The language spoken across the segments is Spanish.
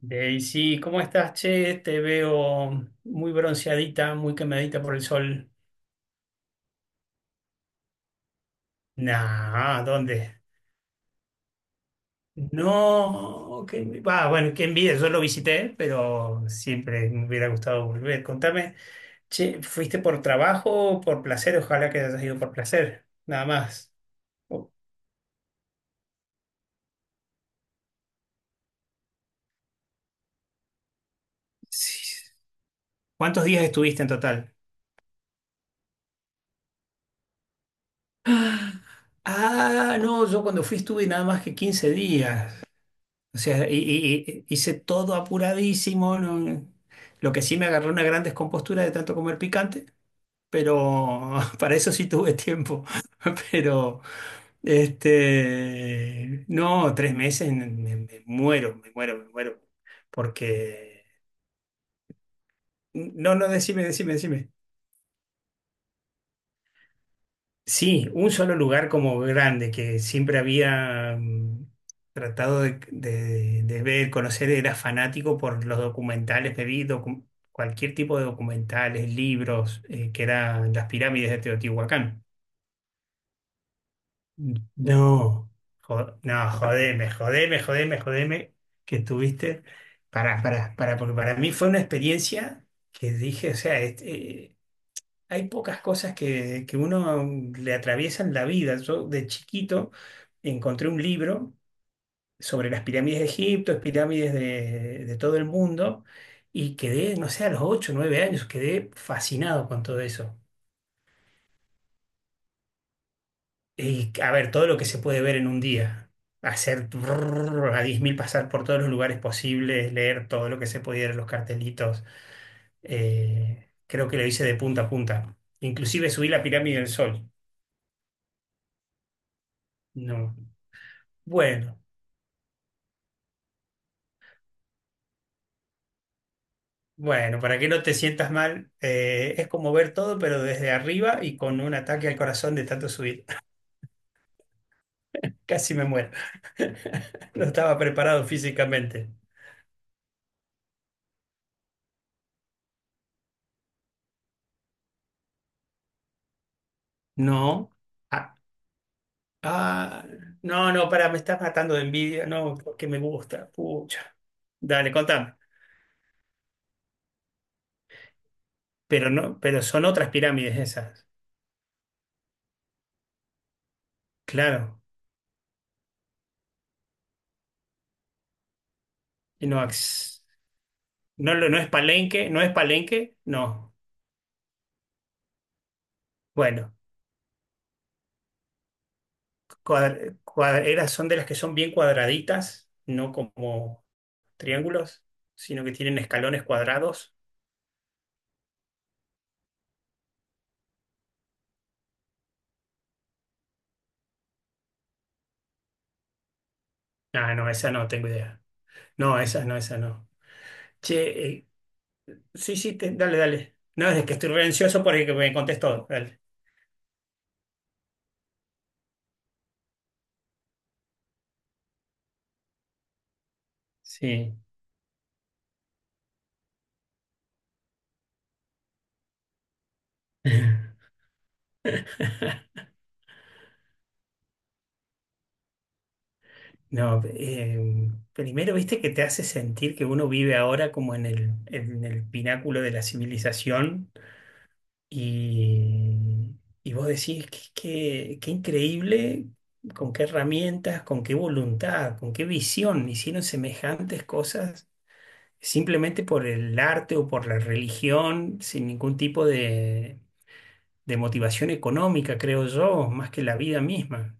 Daisy, ¿cómo estás, che? Te veo muy bronceadita, muy quemadita por el sol. Nah, ¿dónde? No, que va, bueno, qué envidia, yo lo visité, pero siempre me hubiera gustado volver. Contame, che, ¿fuiste por trabajo o por placer? Ojalá que hayas ido por placer, nada más. O- sí. ¿Cuántos días estuviste en total? Ah, ah, no, yo cuando fui estuve nada más que 15 días. O sea, hice todo apuradísimo. Lo que sí me agarró una gran descompostura de tanto comer picante, pero para eso sí tuve tiempo. Pero, no, 3 meses me muero, me muero, me muero. Porque, no, no, decime, decime, decime. Sí, un solo lugar como grande que siempre había tratado de ver, conocer, era fanático por los documentales, me vi cualquier tipo de documentales, libros, que eran las pirámides de Teotihuacán. No, no, jodeme, jodeme, jodeme, jodeme, que estuviste. Para, porque para mí fue una experiencia que dije, o sea, hay pocas cosas que uno le atraviesan la vida. Yo de chiquito encontré un libro sobre las pirámides de Egipto, las pirámides de todo el mundo, y quedé, no sé, a los 8, o 9 años, quedé fascinado con todo eso. Y a ver, todo lo que se puede ver en un día, hacer brrr a 10.000, pasar por todos los lugares posibles, leer todo lo que se pudiera, los cartelitos, creo que lo hice de punta a punta. Inclusive subí la pirámide del Sol. No. Bueno. Bueno, para que no te sientas mal, es como ver todo, pero desde arriba y con un ataque al corazón de tanto subir. Casi me muero. No estaba preparado físicamente. No. Ah, ah, no, no, para, me estás matando de envidia. No, porque me gusta. Pucha. Dale, contame. Pero no, pero son otras pirámides esas. Claro. Y no, no, no es Palenque, no es Palenque, no. Bueno. Cuadreras son de las que son bien cuadraditas, no como triángulos, sino que tienen escalones cuadrados. Ah, no, esa no tengo idea. No, esa no, esa no. Che, eh, sí, sí, dale, dale. No, es que estuve ansioso por que me contestó. Dale. Sí. No, primero, viste que te hace sentir que uno vive ahora como en el pináculo de la civilización. Y, y vos decís qué increíble con qué herramientas, con qué voluntad, con qué visión hicieron semejantes cosas simplemente por el arte o por la religión, sin ningún tipo de motivación económica, creo yo, más que la vida misma.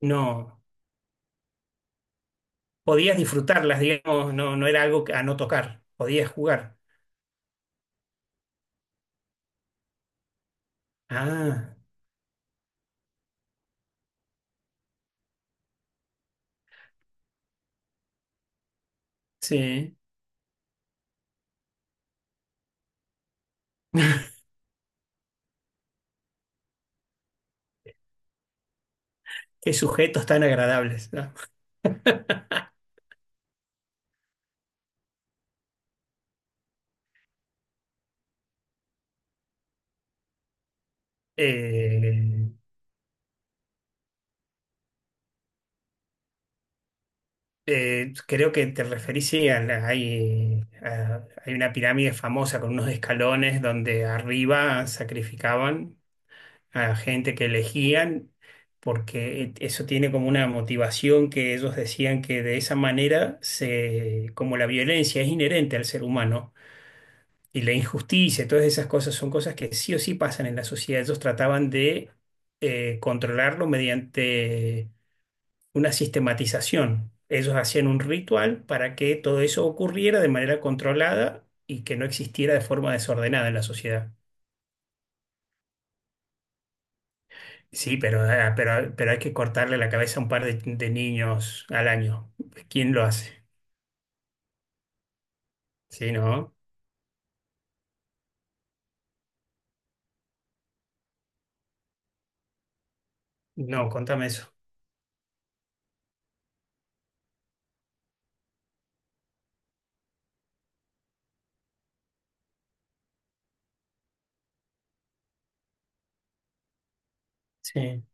No, podías disfrutarlas, digamos, no, no era algo a no tocar, podías jugar. Ah, sí, qué sujetos tan agradables, ¿no? Eh, creo que te referís, sí, a la- hay, a- hay una pirámide famosa con unos escalones donde arriba sacrificaban a gente que elegían, porque eso tiene como una motivación que ellos decían que de esa manera, como la violencia es inherente al ser humano y la injusticia, y todas esas cosas son cosas que sí o sí pasan en la sociedad, ellos trataban de controlarlo mediante una sistematización. Ellos hacían un ritual para que todo eso ocurriera de manera controlada y que no existiera de forma desordenada en la sociedad. Sí, pero, ah, pero hay que cortarle la cabeza a un par de niños al año. ¿Quién lo hace? Sí, ¿no? No, contame eso. Sí,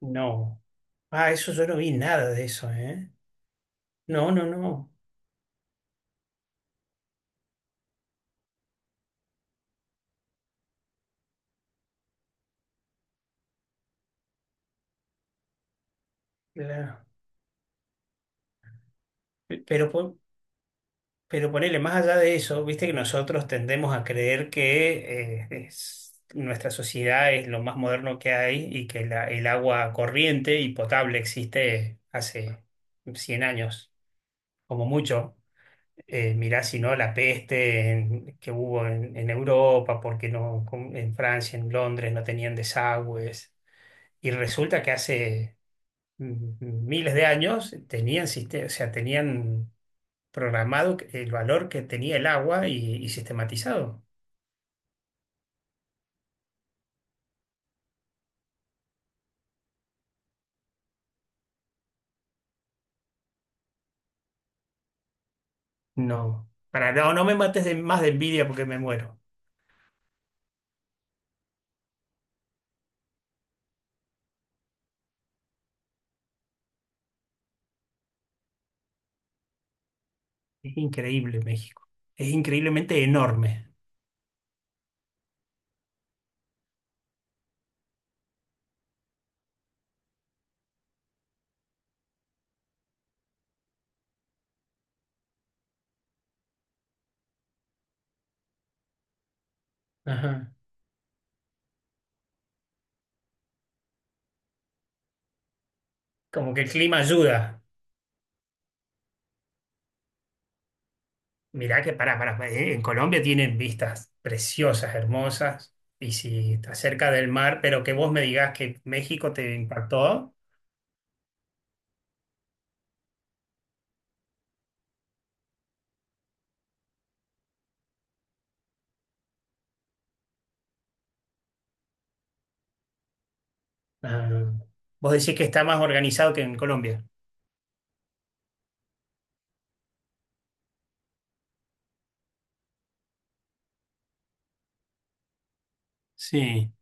no. Ah, eso yo no vi nada de eso, ¿eh? No, no, no. La- Pero, Pero, ponele, más allá de eso, viste que nosotros tendemos a creer que nuestra sociedad es lo más moderno que hay y que el agua corriente y potable existe hace 100 años, como mucho. Mirá, si no, la peste que hubo en Europa, porque no, en Francia, en Londres no tenían desagües. Y resulta que hace miles de años tenían, o sea, tenían programado el valor que tenía el agua y sistematizado. No, para, no, no me mates más de envidia porque me muero. Es increíble México. Es increíblemente enorme. Ajá. Como que el clima ayuda. Mirá que para en Colombia tienen vistas preciosas, hermosas. Y si estás cerca del mar, pero que vos me digas que México te impactó, ah, vos decís que está más organizado que en Colombia. Sí.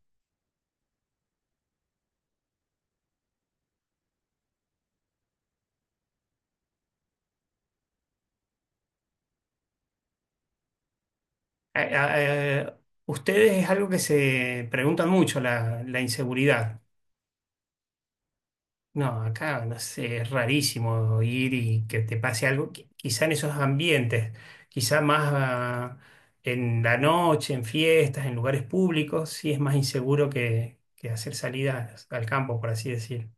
Eh, eh, ustedes es algo que se preguntan mucho, la inseguridad. No, acá no sé, es rarísimo ir y que te pase algo, quizá en esos ambientes, quizá más en la noche, en fiestas, en lugares públicos, sí es más inseguro que hacer salidas al campo, por así decir.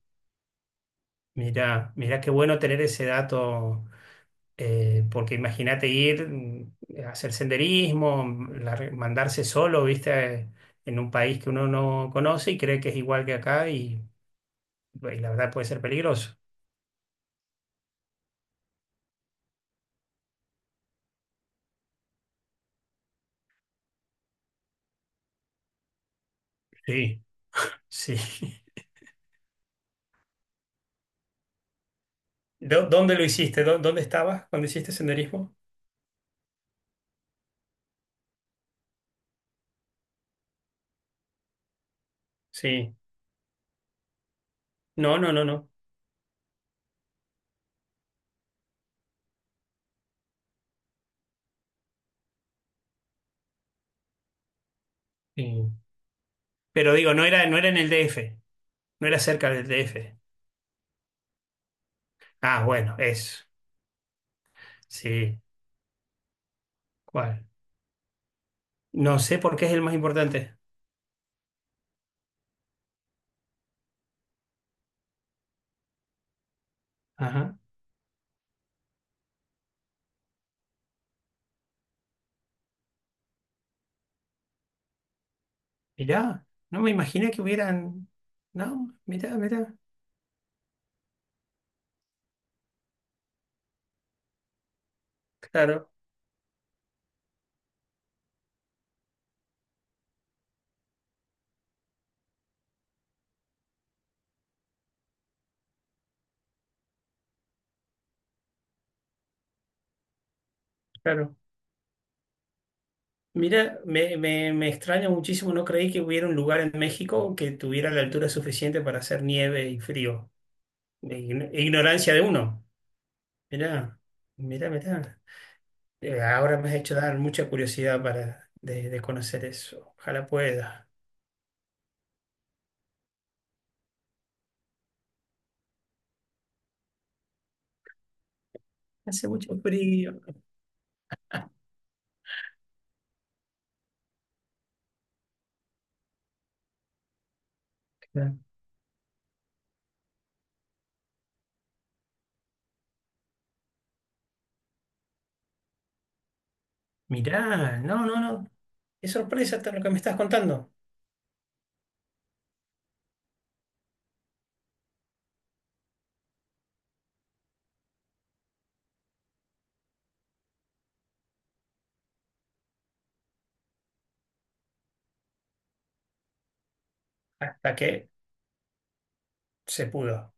Mirá, mirá qué bueno tener ese dato. Porque imagínate ir a hacer senderismo, mandarse solo, viste, en un país que uno no conoce y cree que es igual que acá y la verdad puede ser peligroso. Sí, sí. ¿Dónde lo hiciste? ¿Dónde estabas cuando hiciste senderismo? Sí. No, no, no, no. Sí. Pero digo, no era en el DF, no era cerca del DF. Ah, bueno, eso. Sí. ¿Cuál? No sé por qué es el más importante. Ajá. Mirá, no me imaginé que hubieran. No, mirá, mirá. Claro, claro. Mira, me extraña muchísimo, no creí que hubiera un lugar en México que tuviera la altura suficiente para hacer nieve y frío. Ignorancia de uno. Mirá, mirá, mirá. Ahora me has hecho dar mucha curiosidad para de conocer eso. Ojalá pueda. Hace mucho frío. Claro. Mirá, no, no, no. Qué sorpresa todo lo que me estás contando. Hasta que se pudo.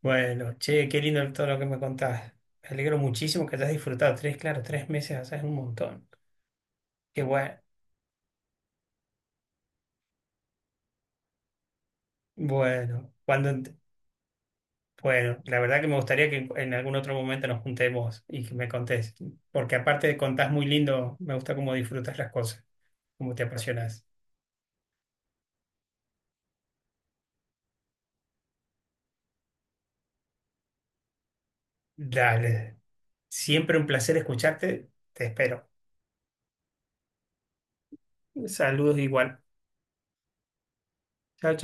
Bueno, che, qué lindo todo lo que me contás. Me alegro muchísimo que hayas disfrutado. Tres, claro, 3 meses allá es un montón. Qué bueno. Bueno, cuando, bueno, la verdad que me gustaría que en algún otro momento nos juntemos y que me contés. Porque aparte de contás muy lindo, me gusta cómo disfrutas las cosas, cómo te apasionas. Dale. Siempre un placer escucharte. Te espero. Saludos igual. Chao, chao.